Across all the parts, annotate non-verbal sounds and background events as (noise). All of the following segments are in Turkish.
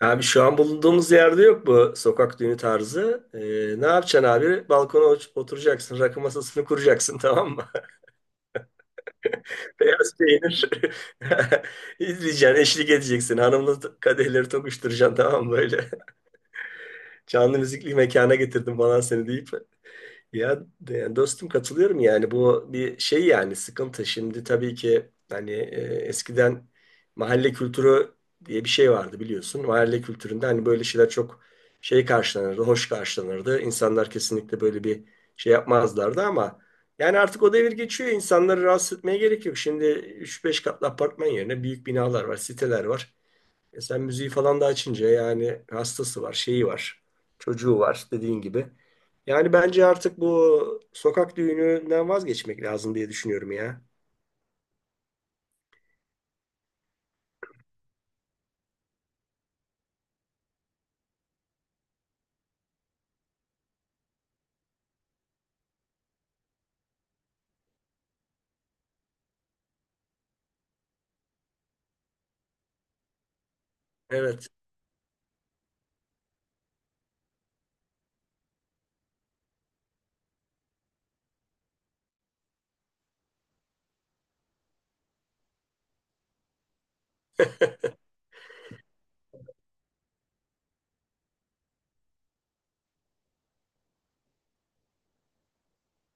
Abi şu an bulunduğumuz yerde yok bu sokak düğünü tarzı. Ne yapacaksın abi? Balkona oturacaksın, rakı masasını kuracaksın, tamam mı? (laughs) Beyaz peynir (laughs) izleyeceksin, eşlik edeceksin. Hanımla kadehleri tokuşturacaksın, tamam mı böyle? (laughs) Canlı müzikli mekana getirdim falan seni deyip. (laughs) Ya dostum, katılıyorum yani, bu bir şey yani, sıkıntı. Şimdi tabii ki hani eskiden mahalle kültürü diye bir şey vardı, biliyorsun. Mahalle kültüründe hani böyle şeyler çok şey karşılanırdı, hoş karşılanırdı. İnsanlar kesinlikle böyle bir şey yapmazlardı ama yani artık o devir geçiyor. İnsanları rahatsız etmeye gerek yok. Şimdi üç beş katlı apartman yerine büyük binalar var, siteler var. E sen müziği falan da açınca yani hastası var, şeyi var, çocuğu var dediğin gibi. Yani bence artık bu sokak düğününden vazgeçmek lazım diye düşünüyorum ya. Evet,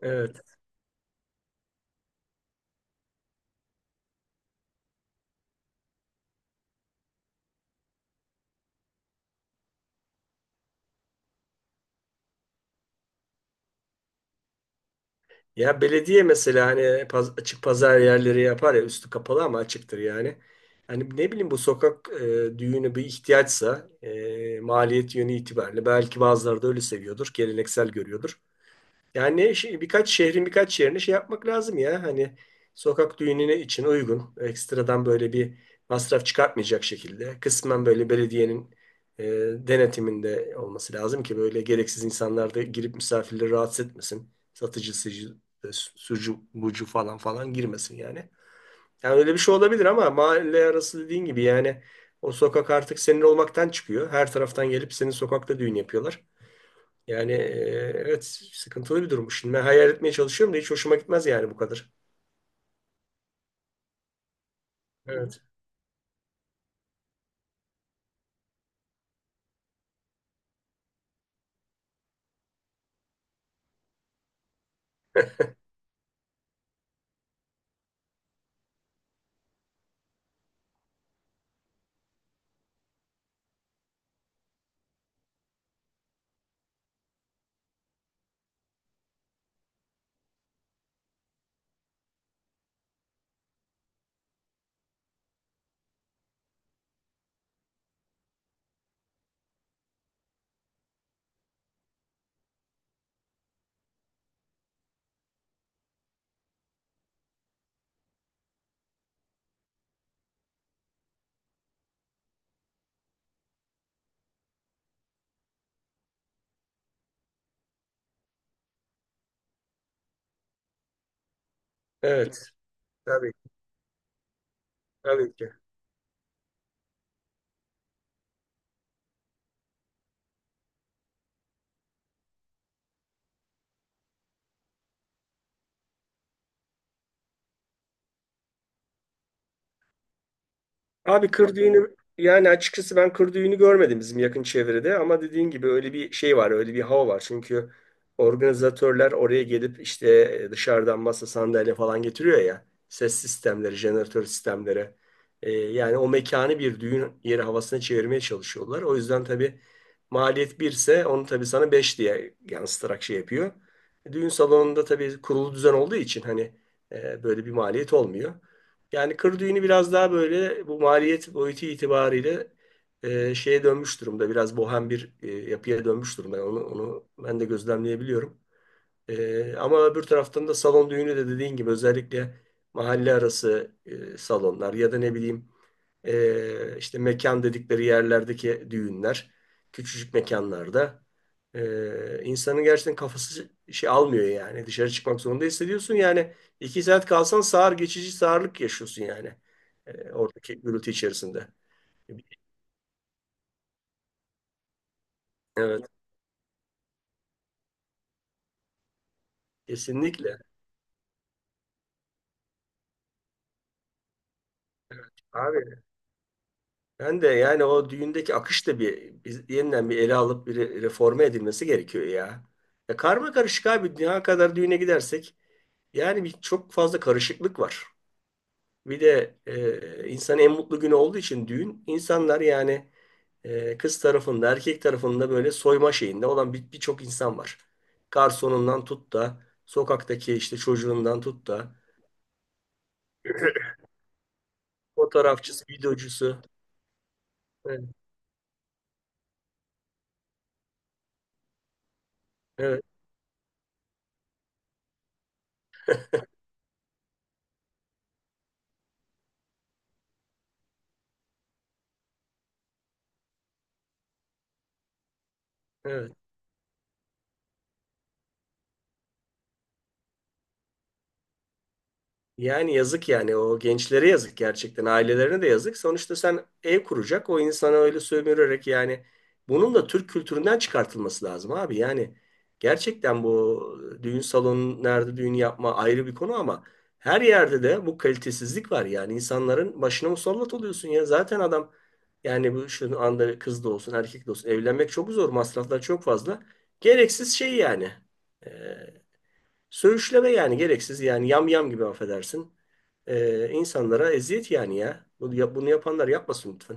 evet. Ya belediye mesela hani açık pazar yerleri yapar ya, üstü kapalı ama açıktır yani. Hani ne bileyim, bu sokak düğünü bir ihtiyaçsa maliyet yönü itibariyle belki bazıları da öyle seviyordur, geleneksel görüyordur. Yani şey, birkaç şehrin birkaç yerine şey yapmak lazım ya. Hani sokak düğününe için uygun. Ekstradan böyle bir masraf çıkartmayacak şekilde. Kısmen böyle belediyenin e, denetiminde olması lazım ki böyle gereksiz insanlar da girip misafirleri rahatsız etmesin. Satıcı, sıcı, e, sucu, bucu falan falan girmesin yani. Yani öyle bir şey olabilir ama mahalle arası dediğin gibi yani o sokak artık senin olmaktan çıkıyor. Her taraftan gelip senin sokakta düğün yapıyorlar. Yani, evet, sıkıntılı bir durum. Şimdi ben hayal etmeye çalışıyorum da hiç hoşuma gitmez yani bu kadar. Evet. Evet. Tabii. Tabii ki. Abi kır düğünü, yani açıkçası ben kır düğünü görmedim bizim yakın çevrede ama dediğin gibi öyle bir şey var, öyle bir hava var. Çünkü organizatörler oraya gelip işte dışarıdan masa sandalye falan getiriyor ya. Ses sistemleri, jeneratör sistemleri. Yani o mekanı bir düğün yeri havasına çevirmeye çalışıyorlar. O yüzden tabii maliyet birse onu tabii sana 5 diye yansıtarak şey yapıyor. Düğün salonunda tabii kurulu düzen olduğu için hani böyle bir maliyet olmuyor. Yani kır düğünü biraz daha böyle bu maliyet boyutu itibariyle şeye dönmüş durumda. Biraz bohem bir yapıya dönmüş durumda. Yani onu ben de gözlemleyebiliyorum. Ama öbür taraftan da salon düğünü de dediğin gibi, özellikle mahalle arası salonlar ya da ne bileyim, işte mekan dedikleri yerlerdeki düğünler, küçücük mekanlarda. E, insanın gerçekten kafası şey almıyor yani. Dışarı çıkmak zorunda hissediyorsun. Yani İki saat kalsan sağır, geçici sağırlık yaşıyorsun yani. Oradaki gürültü içerisinde. Evet, kesinlikle. Evet, abi, ben de yani o düğündeki akış da bir yeniden bir ele alıp bir reforme edilmesi gerekiyor ya. Ya karma karışık abi, dünya kadar düğüne gidersek yani, bir çok fazla karışıklık var. Bir de insanın en mutlu günü olduğu için düğün, insanlar yani kız tarafında erkek tarafında böyle soyma şeyinde olan birçok insan var. Garsonundan tut da sokaktaki işte çocuğundan tut da (laughs) fotoğrafçısı, videocusu. Evet, evet, evet. Yani yazık yani, o gençlere yazık gerçekten, ailelerine de yazık. Sonuçta sen ev kuracak o insana öyle sömürerek yani, bunun da Türk kültüründen çıkartılması lazım abi. Yani gerçekten bu düğün salonu nerede düğün yapma ayrı bir konu ama her yerde de bu kalitesizlik var. Yani insanların başına musallat oluyorsun ya, zaten adam yani, bu şu anda kız da olsun erkek de olsun evlenmek çok zor, masraflar çok fazla. Gereksiz şey yani. Ee, Söğüşleme yani, gereksiz yani, yam yam gibi affedersin. İnsanlara eziyet yani ya. Bunu yapanlar yapmasın lütfen.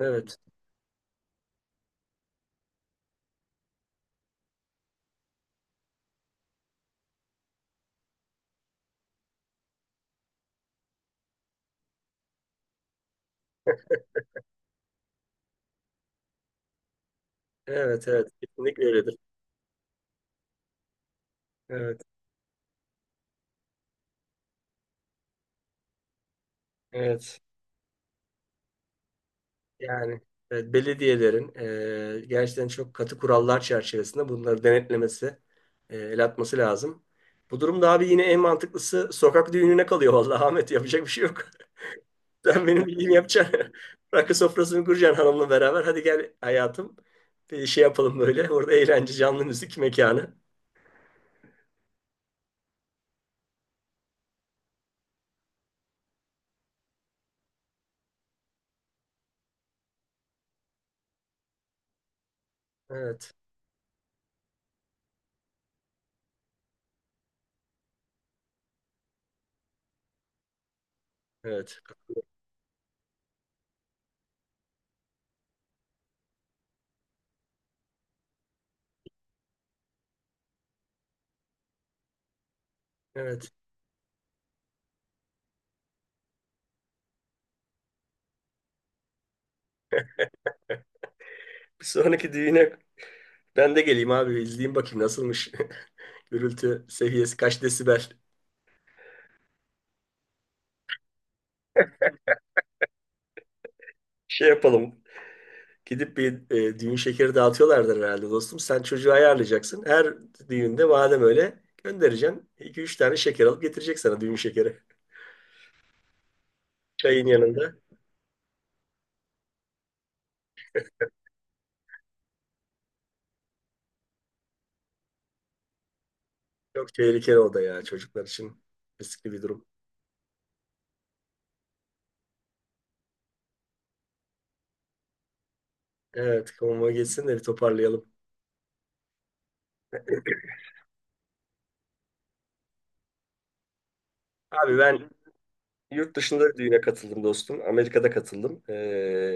Evet. Evet, evet. Kesinlikle öyledir. Evet. Evet. Yani evet, belediyelerin gerçekten çok katı kurallar çerçevesinde bunları denetlemesi, el atması lazım. Bu durumda abi yine en mantıklısı sokak düğününe kalıyor. (laughs) Vallahi Ahmet, yapacak bir şey yok. Sen benim bildiğimi yapacaksın. (laughs) Rakı sofrasını kuracaksın hanımla beraber. Hadi gel hayatım. Bir şey yapalım böyle. Orada eğlence, canlı müzik mekanı. Evet. Evet. Evet. Bir sonraki düğüne ben de geleyim abi. İzleyeyim bakayım nasılmış. (laughs) Gürültü seviyesi kaç desibel. Şey yapalım. Gidip bir düğün şekeri dağıtıyorlardır herhalde dostum. Sen çocuğu ayarlayacaksın. Her düğünde madem öyle göndereceksin, iki üç tane şeker alıp getirecek sana düğün şekeri. Çayın yanında. Çok tehlikeli o da ya, çocuklar için riskli bir durum. Evet, konuma geçsin de bir toparlayalım. (clears throat) Abi ben yurt dışında bir düğüne katıldım dostum. Amerika'da katıldım.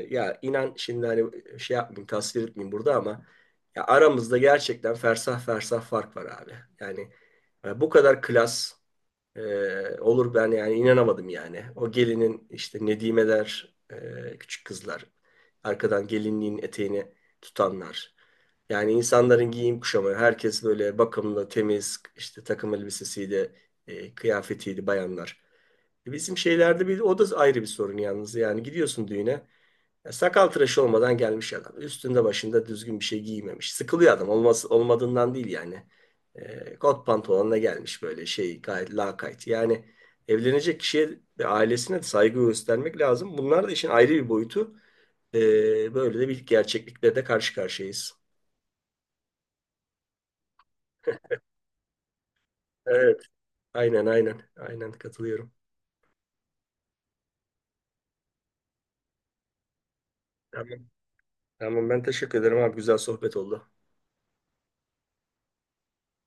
Ya inan, şimdi hani şey yapmayayım, tasvir etmeyeyim burada ama ya, aramızda gerçekten fersah fersah fark var abi. Yani, bu kadar klas e, olur ben yani, inanamadım yani. O gelinin işte nedimeler, küçük kızlar, arkadan gelinliğin eteğini tutanlar. Yani insanların giyim kuşamı, herkes böyle bakımlı, temiz, işte takım elbisesiydi, kıyafetiydi bayanlar. Bizim şeylerde bir, o da ayrı bir sorun yalnız. Yani gidiyorsun düğüne, ya sakal tıraşı olmadan gelmiş adam. Üstünde başında düzgün bir şey giymemiş. Sıkılıyor adam. Olmaz, olmadığından değil yani. Kot pantolonla gelmiş, böyle şey, gayet lakayt. Yani evlenecek kişiye ve ailesine de saygı göstermek lazım. Bunlar da işin ayrı bir boyutu. Böyle de bir gerçeklikle de karşı karşıyayız. Evet. Aynen, aynen. Aynen katılıyorum. Tamam. Tamam, ben teşekkür ederim abi. Güzel sohbet oldu.